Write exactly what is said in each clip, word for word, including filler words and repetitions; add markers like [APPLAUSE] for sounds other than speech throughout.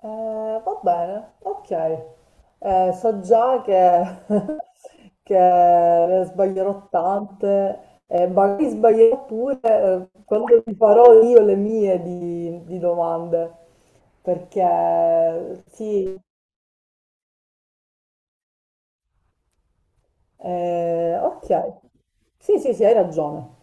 Eh, va bene, ok. Eh, so già che, [LAUGHS] che ne sbaglierò tante, e magari sbaglierò pure eh, quando ti farò io le mie di, di domande, perché sì, eh, ok. Sì, sì, sì, hai ragione.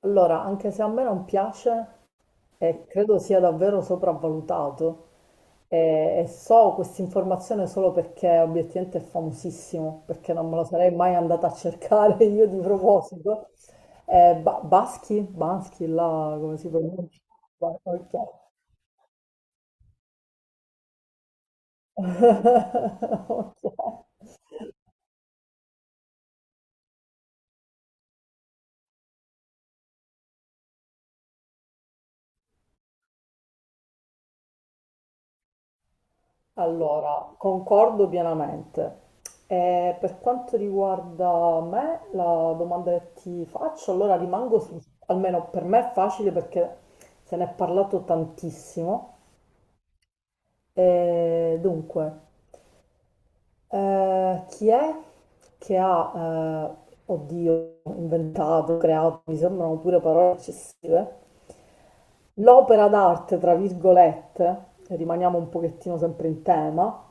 Allora, anche se a me non piace, Eh, credo sia davvero sopravvalutato e, e so questa informazione solo perché obiettivamente è famosissimo, perché non me lo sarei mai andata a cercare [LAUGHS] io di proposito. Eh, Ba- Baschi? Baschi, là, come si pronuncia? Ba- ok. [LAUGHS] Ok. Allora, concordo pienamente. E per quanto riguarda me, la domanda che ti faccio, allora rimango su, almeno per me è facile perché se ne è parlato tantissimo. E dunque, eh, chi è che ha, eh, oddio, inventato, creato, mi sembrano pure parole eccessive, l'opera d'arte, tra virgolette, rimaniamo un pochettino sempre in tema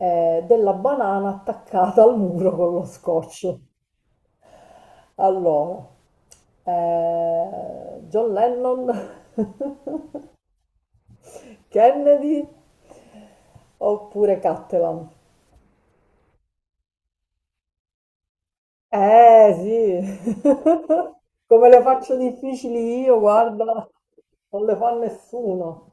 eh, della banana attaccata al muro con lo scotch. Allora, eh, John Lennon, [LAUGHS] Kennedy oppure Cattelan? Eh sì, [LAUGHS] come le faccio difficili io, guarda, non le fa nessuno.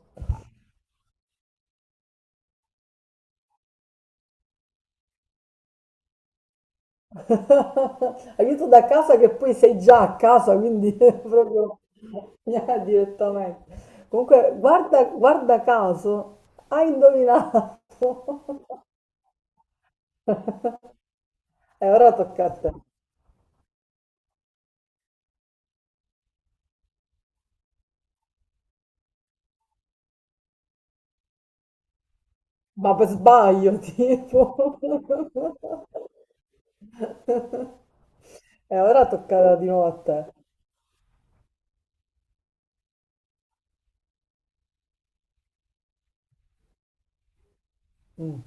[LAUGHS] Aiuto da casa che poi sei già a casa, quindi [LAUGHS] proprio... [LAUGHS] Ah, direttamente. Comunque, guarda, guarda caso, hai indovinato. [LAUGHS] E ora tocca a te. Ma per sbaglio, tipo. [LAUGHS] E ora tocca di nuovo a te. Mm.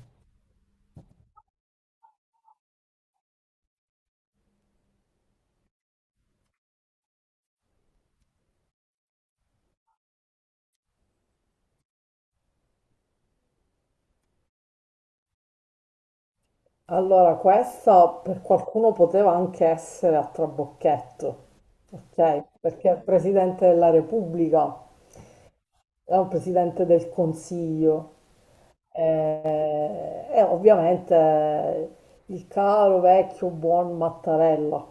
Allora, questa per qualcuno poteva anche essere a trabocchetto, ok? Perché è il Presidente della Repubblica, è un Presidente del Consiglio. E, e ovviamente il caro vecchio buon Mattarella.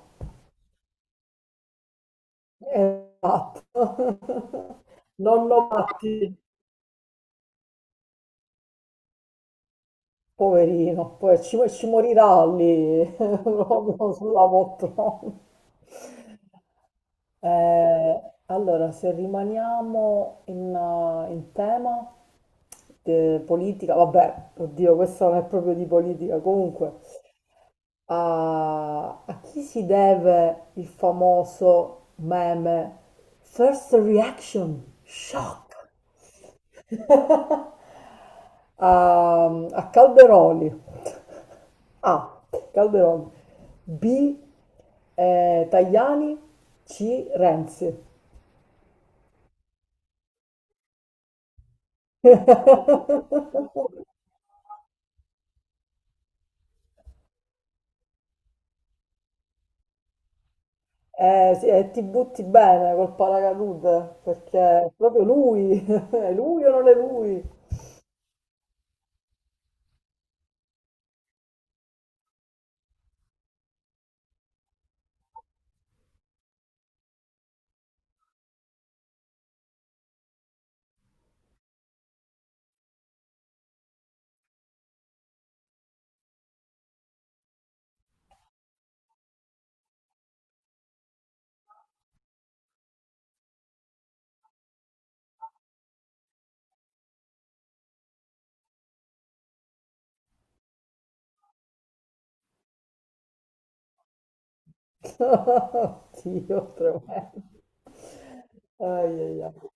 Esatto. [LAUGHS] Nonno Matti, poverino, poi ci, ci morirà lì [LAUGHS] proprio sulla poltrona. Eh, allora, se rimaniamo in, eh, in tema eh, politica, vabbè, oddio, questo non è proprio di politica, comunque, a, a chi si deve il famoso meme First Reaction Shock? [LAUGHS] A, a Calderoli. A. Calderoli. B. eh, Tajani. C. Renzi. [LAUGHS] Eh, sì, e ti butti bene col paracadute perché è proprio lui. [LAUGHS] È lui o non è lui? [LAUGHS] Dio, tremendo. Ai, ai, ai.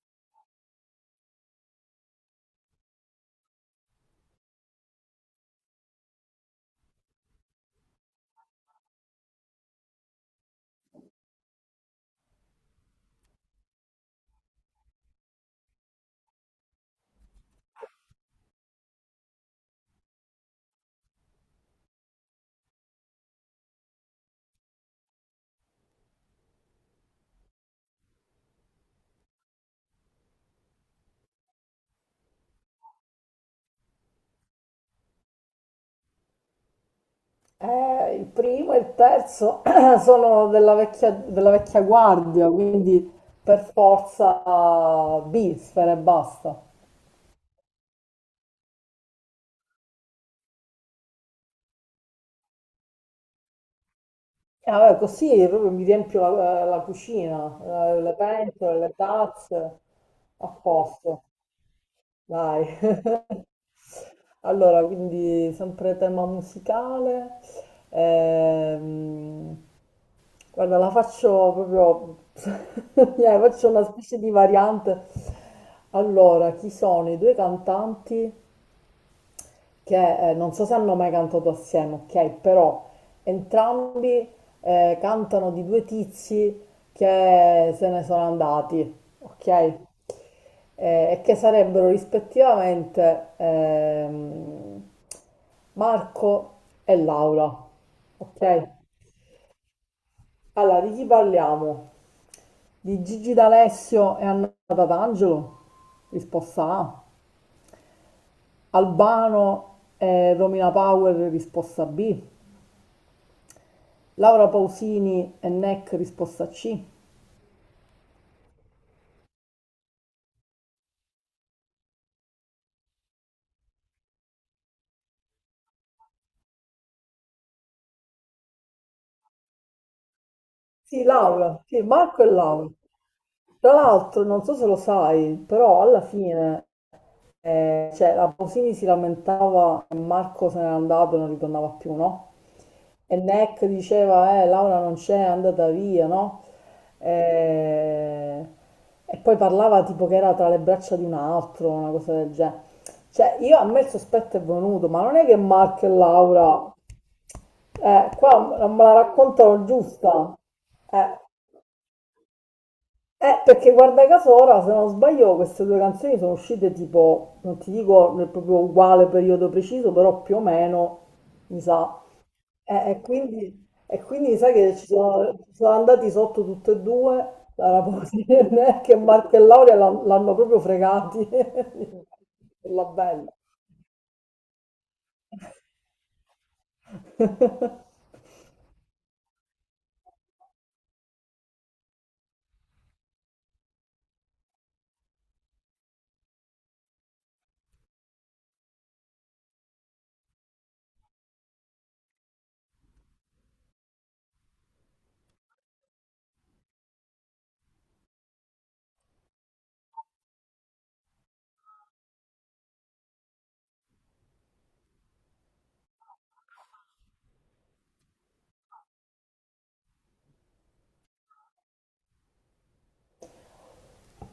Eh, il primo e il terzo [CLEARS THROAT] sono della vecchia, della vecchia guardia, quindi per forza B, sfere e basta. E vabbè, così proprio mi riempio la, eh, la cucina, eh, le pentole, le tazze, a posto. Dai. [LAUGHS] Allora, quindi sempre tema musicale. Ehm, Guarda, la faccio proprio, [LAUGHS] eh, faccio una specie di variante. Allora, chi sono i due cantanti che eh, non so se hanno mai cantato assieme, ok? Però entrambi eh, cantano di due tizi che se ne sono andati, ok? Eh, e che sarebbero rispettivamente ehm, Marco e Laura, ok? Allora, di chi parliamo? Di Gigi D'Alessio e Anna Tatangelo? Risposta A. Albano e Romina Power? Risposta B. Laura Pausini e nek? Risposta C. Sì, Laura, sì, Marco e Laura. Tra l'altro, non so se lo sai, però alla fine, eh, cioè, la Pausini si lamentava che Marco se n'era andato e non ritornava più, no? E Neck diceva, eh, Laura non c'è, è andata via, no? Eh, e poi parlava tipo che era tra le braccia di un altro, una cosa del genere. Cioè, io a me il sospetto è venuto, ma non è che Marco e Laura, eh, qua non me la raccontano giusta. Eh, eh, perché guarda caso ora, se non sbaglio, queste due canzoni sono uscite tipo, non ti dico nel proprio uguale periodo preciso, però più o meno, mi sa. Eh, e quindi, e quindi sai che ci sono, ci sono andati sotto tutte e due, la Raposi che Marco e Laura l'han- l'hanno proprio fregati. [LAUGHS] Per la bella. [LAUGHS]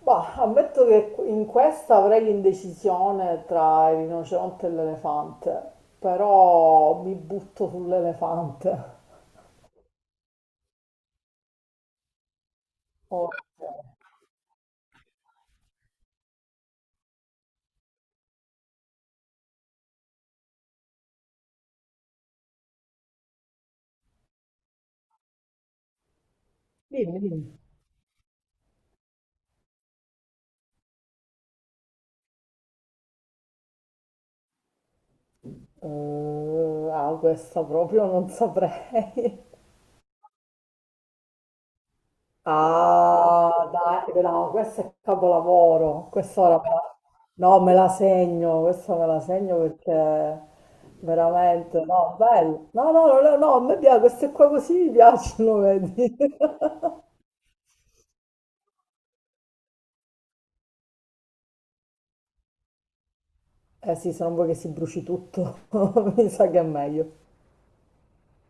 Bah, ammetto che in questa avrei l'indecisione tra il rinoceronte e l'elefante, però mi butto sull'elefante. [LAUGHS] Ok. Dimmi, dimmi. Eh, ah, questa proprio non saprei. [LAUGHS] Ah, dai, no, questo è capolavoro. Questa ora me la- no, me la segno, questa me la segno perché veramente, no, bello. No, no, no, no, no, a me piace, queste qua così mi piacciono, [LAUGHS] vedi. Eh sì, se non vuoi che si bruci tutto, [LAUGHS] mi sa che è meglio.